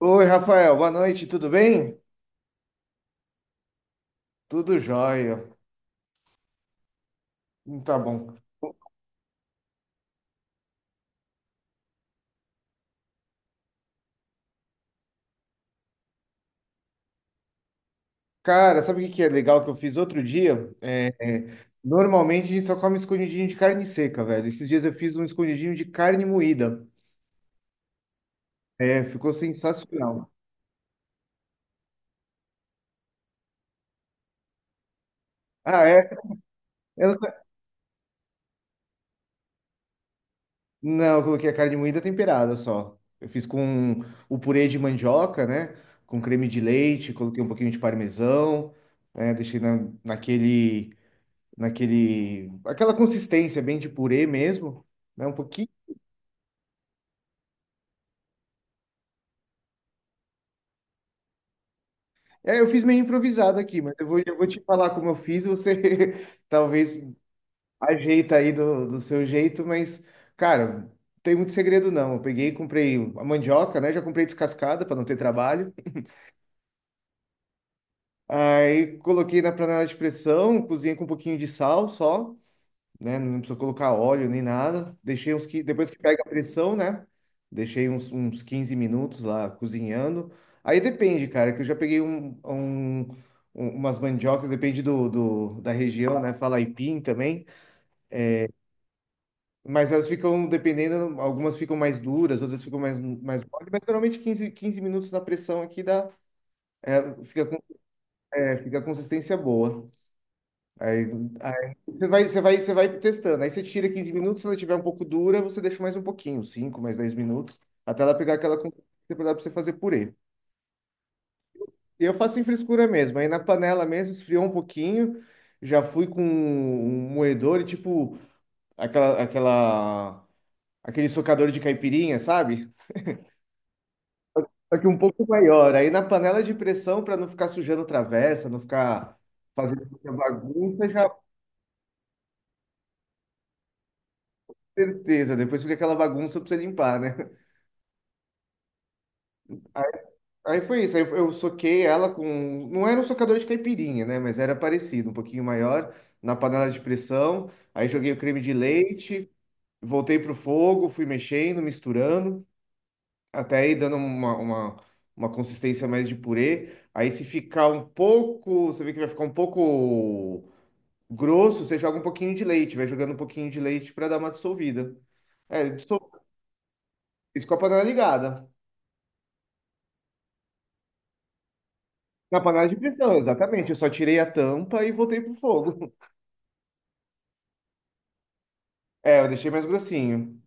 Oi, Rafael, boa noite, tudo bem? Tudo jóia. Tá bom. Cara, sabe o que que é legal que eu fiz outro dia? É, normalmente a gente só come escondidinho de carne seca, velho. Esses dias eu fiz um escondidinho de carne moída. É, ficou sensacional. Ah, é? Eu não, não, eu coloquei a carne moída temperada só. Eu fiz com o purê de mandioca, né? Com creme de leite, coloquei um pouquinho de parmesão, né? Deixei naquele. Aquela consistência bem de purê mesmo, né? Um pouquinho. É, eu fiz meio improvisado aqui, mas eu vou te falar como eu fiz, você talvez ajeita aí do seu jeito, mas, cara, não tem muito segredo não. Eu peguei, e comprei a mandioca, né? Já comprei descascada para não ter trabalho. Aí coloquei na panela de pressão, cozinhei com um pouquinho de sal só, né? Não precisou colocar óleo nem nada. Deixei uns que depois que pega a pressão, né? Deixei uns 15 minutos lá cozinhando. Aí depende, cara, que eu já peguei umas mandiocas, depende da região, né? Fala aipim também. Mas elas ficam, dependendo, algumas ficam mais duras, outras ficam mais mole, mas geralmente quinze minutos na pressão aqui dá, fica com, fica a consistência boa. Aí, aí, você vai testando. Aí você tira 15 minutos, se ela tiver um pouco dura, você deixa mais um pouquinho, 5 mais 10 minutos, até ela pegar aquela consistência para você fazer purê. E eu faço em frescura mesmo. Aí na panela mesmo, esfriou um pouquinho, já fui com um moedor e tipo aquela, aquela, aquele socador de caipirinha, sabe? Só que um pouco maior. Aí na panela de pressão, para não ficar sujando travessa, não ficar fazendo muita bagunça, já certeza. Depois fica aquela bagunça para você limpar, né? Aí foi isso, aí eu soquei ela com. Não era um socador de caipirinha, né? Mas era parecido, um pouquinho maior, na panela de pressão. Aí joguei o creme de leite, voltei pro fogo, fui mexendo, misturando, até aí dando uma consistência mais de purê. Aí se ficar um pouco, você vê que vai ficar um pouco grosso, você joga um pouquinho de leite, vai jogando um pouquinho de leite para dar uma dissolvida. É, dissol... isso com a panela ligada. Na panela de pressão, exatamente. Eu só tirei a tampa e voltei pro fogo. É, eu deixei mais grossinho.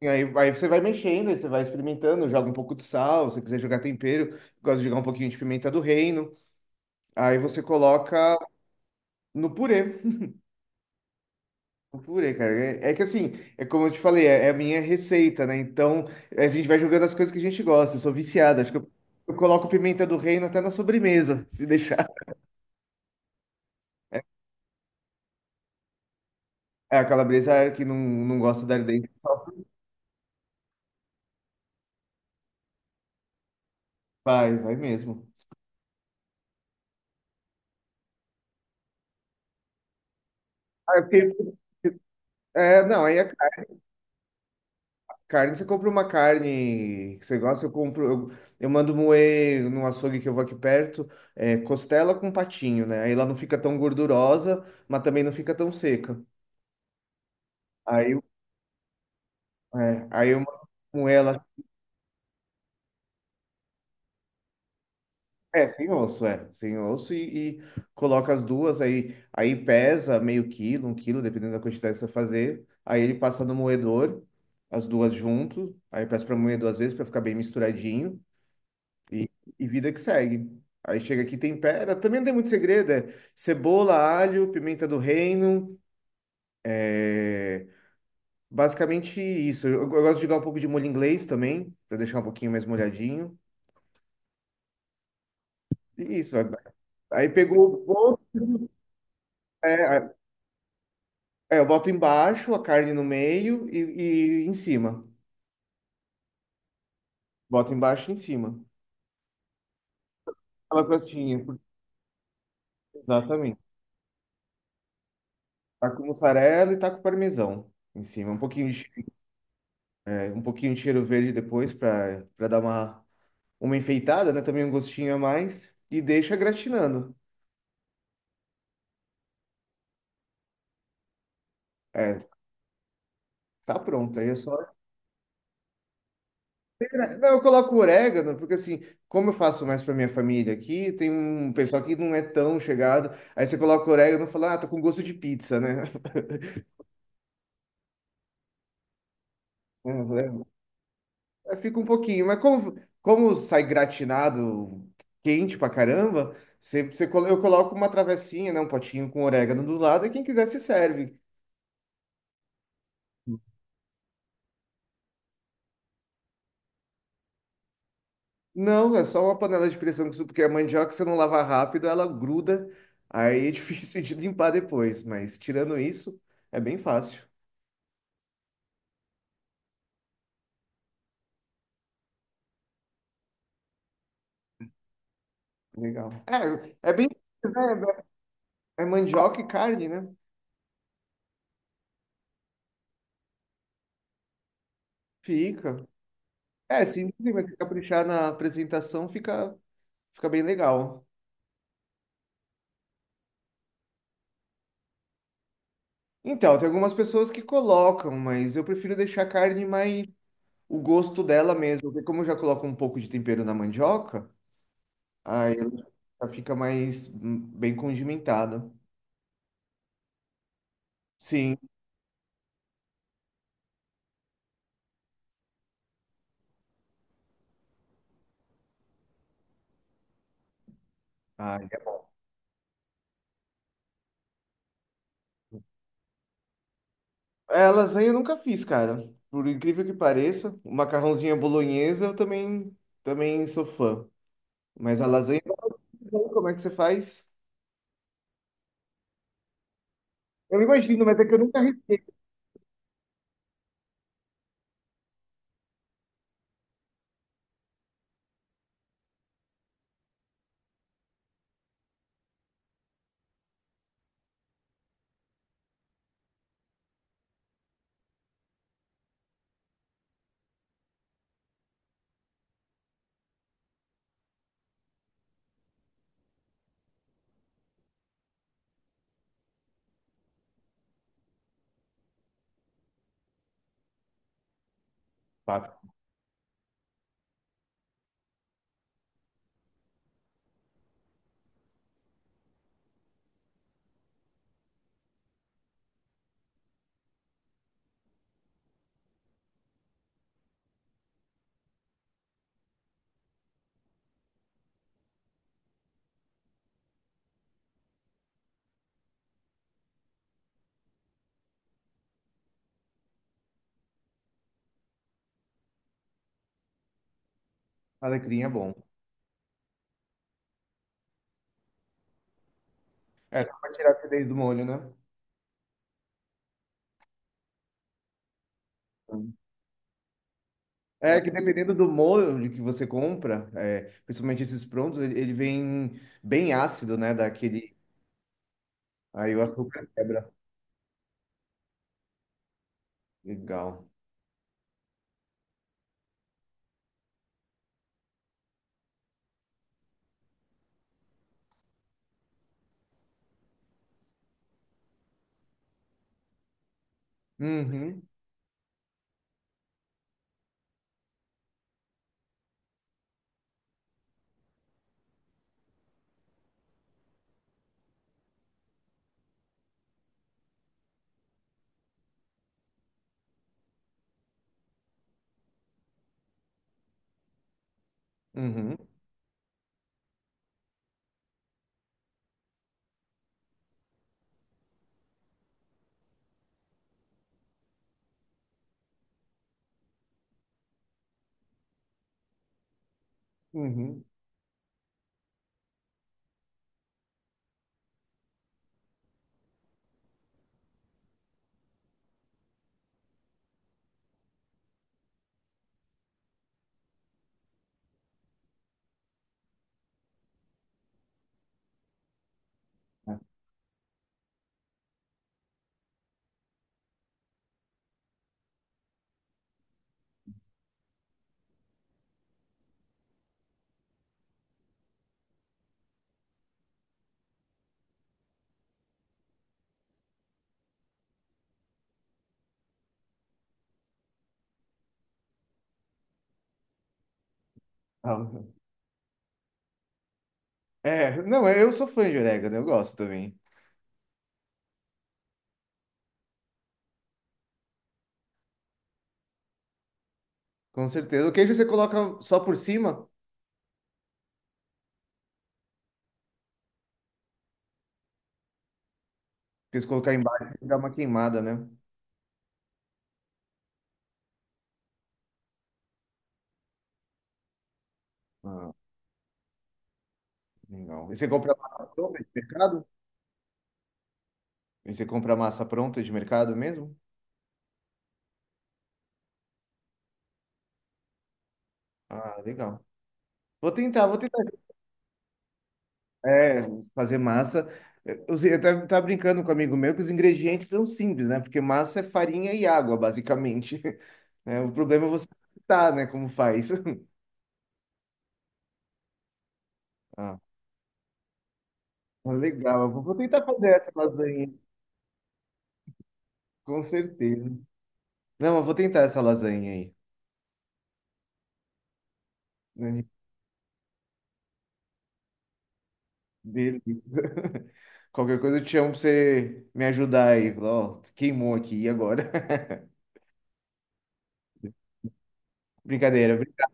E aí, você vai mexendo, aí você vai experimentando, joga um pouco de sal, se você quiser jogar tempero, gosto de jogar um pouquinho de pimenta do reino. Aí você coloca no purê. No purê, cara. É, que assim, é como eu te falei, é a minha receita, né? Então a gente vai jogando as coisas que a gente gosta. Eu sou viciado, acho que eu coloco pimenta do reino até na sobremesa, se deixar. É, a calabresa é que não gosta de dar dente. Vai, vai mesmo. Ah, eu fiquei- não. aí é Carne, você compra uma carne que você gosta, eu compro, eu mando moer no açougue que eu vou aqui perto, costela com patinho, né? Aí ela não fica tão gordurosa, mas também não fica tão seca. Aí, eu- aí eu mando moer ela, sem osso e coloca as duas, aí pesa meio quilo, um quilo, dependendo da quantidade que você fazer. Aí ele passa no moedor, as duas junto, aí eu peço para moer duas vezes para ficar bem misturadinho. E, e vida que segue. Aí chega aqui, tempera. Também não tem muito segredo, é cebola, alho, pimenta do reino. é Basicamente isso. Eu gosto de jogar um pouco de molho inglês também, para deixar um pouquinho mais molhadinho. E isso. Aí pegou o ponto. É, é, eu boto embaixo, a carne no meio e em cima. Boto embaixo e em cima. Aquela crostinha. Exatamente. Tá com mussarela e tá com parmesão em cima. Um pouquinho de cheiro verde depois para dar uma enfeitada, né? Também um gostinho a mais. E deixa gratinando. É, tá pronto. Aí é só. Não, eu coloco orégano, porque assim, como eu faço mais pra minha família aqui, tem um pessoal que não é tão chegado. Aí você coloca orégano e fala, ah, tô com gosto de pizza, né? É, é, fica um pouquinho, mas como sai gratinado, quente pra caramba, eu coloco uma travessinha, né? Um potinho com orégano do lado, e quem quiser se serve. Não, é só uma panela de pressão porque a mandioca, se não lavar rápido, ela gruda, aí é difícil de limpar depois, mas tirando isso, é bem fácil. Legal. É, bem, simples, né? É mandioca e carne, né? Fica. É, sim, mas se caprichar na apresentação fica bem legal. Então, tem algumas pessoas que colocam, mas eu prefiro deixar a carne mais o gosto dela mesmo, porque como eu já coloco um pouco de tempero na mandioca, aí ela já fica mais bem condimentada. Sim. Ah, é. É, lasanha eu nunca fiz, cara. Por incrível que pareça, o macarrãozinho à bolonhesa eu também sou fã. Mas a lasanha, como é que você faz? Eu imagino, mas é que eu nunca arrisco. Pato. Alecrim é bom. É, só pra tirar a acidez do molho, né? É que dependendo do molho que você compra, principalmente esses prontos, ele vem bem ácido, né? Daquele. Aí o açúcar quebra. Legal. Uhum, uhum, uhum. Ah, é. Não, eu sou fã de orégano, eu gosto também. Com certeza. O queijo você coloca só por cima, porque se colocar embaixo, dá uma queimada, né? Ah, legal. E você compra massa pronta de mercado? E você compra massa pronta de mercado mesmo? Ah, legal. Vou tentar, vou tentar. É, fazer massa. Eu tava brincando com um amigo meu que os ingredientes são simples, né? Porque massa é farinha e água, basicamente. Né? O problema é você tá, né? Como faz. Ah, legal. Eu vou tentar fazer essa lasanha, com certeza. Não, eu vou tentar essa lasanha aí. Hum, Beleza. Qualquer coisa eu te chamo pra você me ajudar aí. Falar, ó, queimou aqui, e agora? Brincadeira.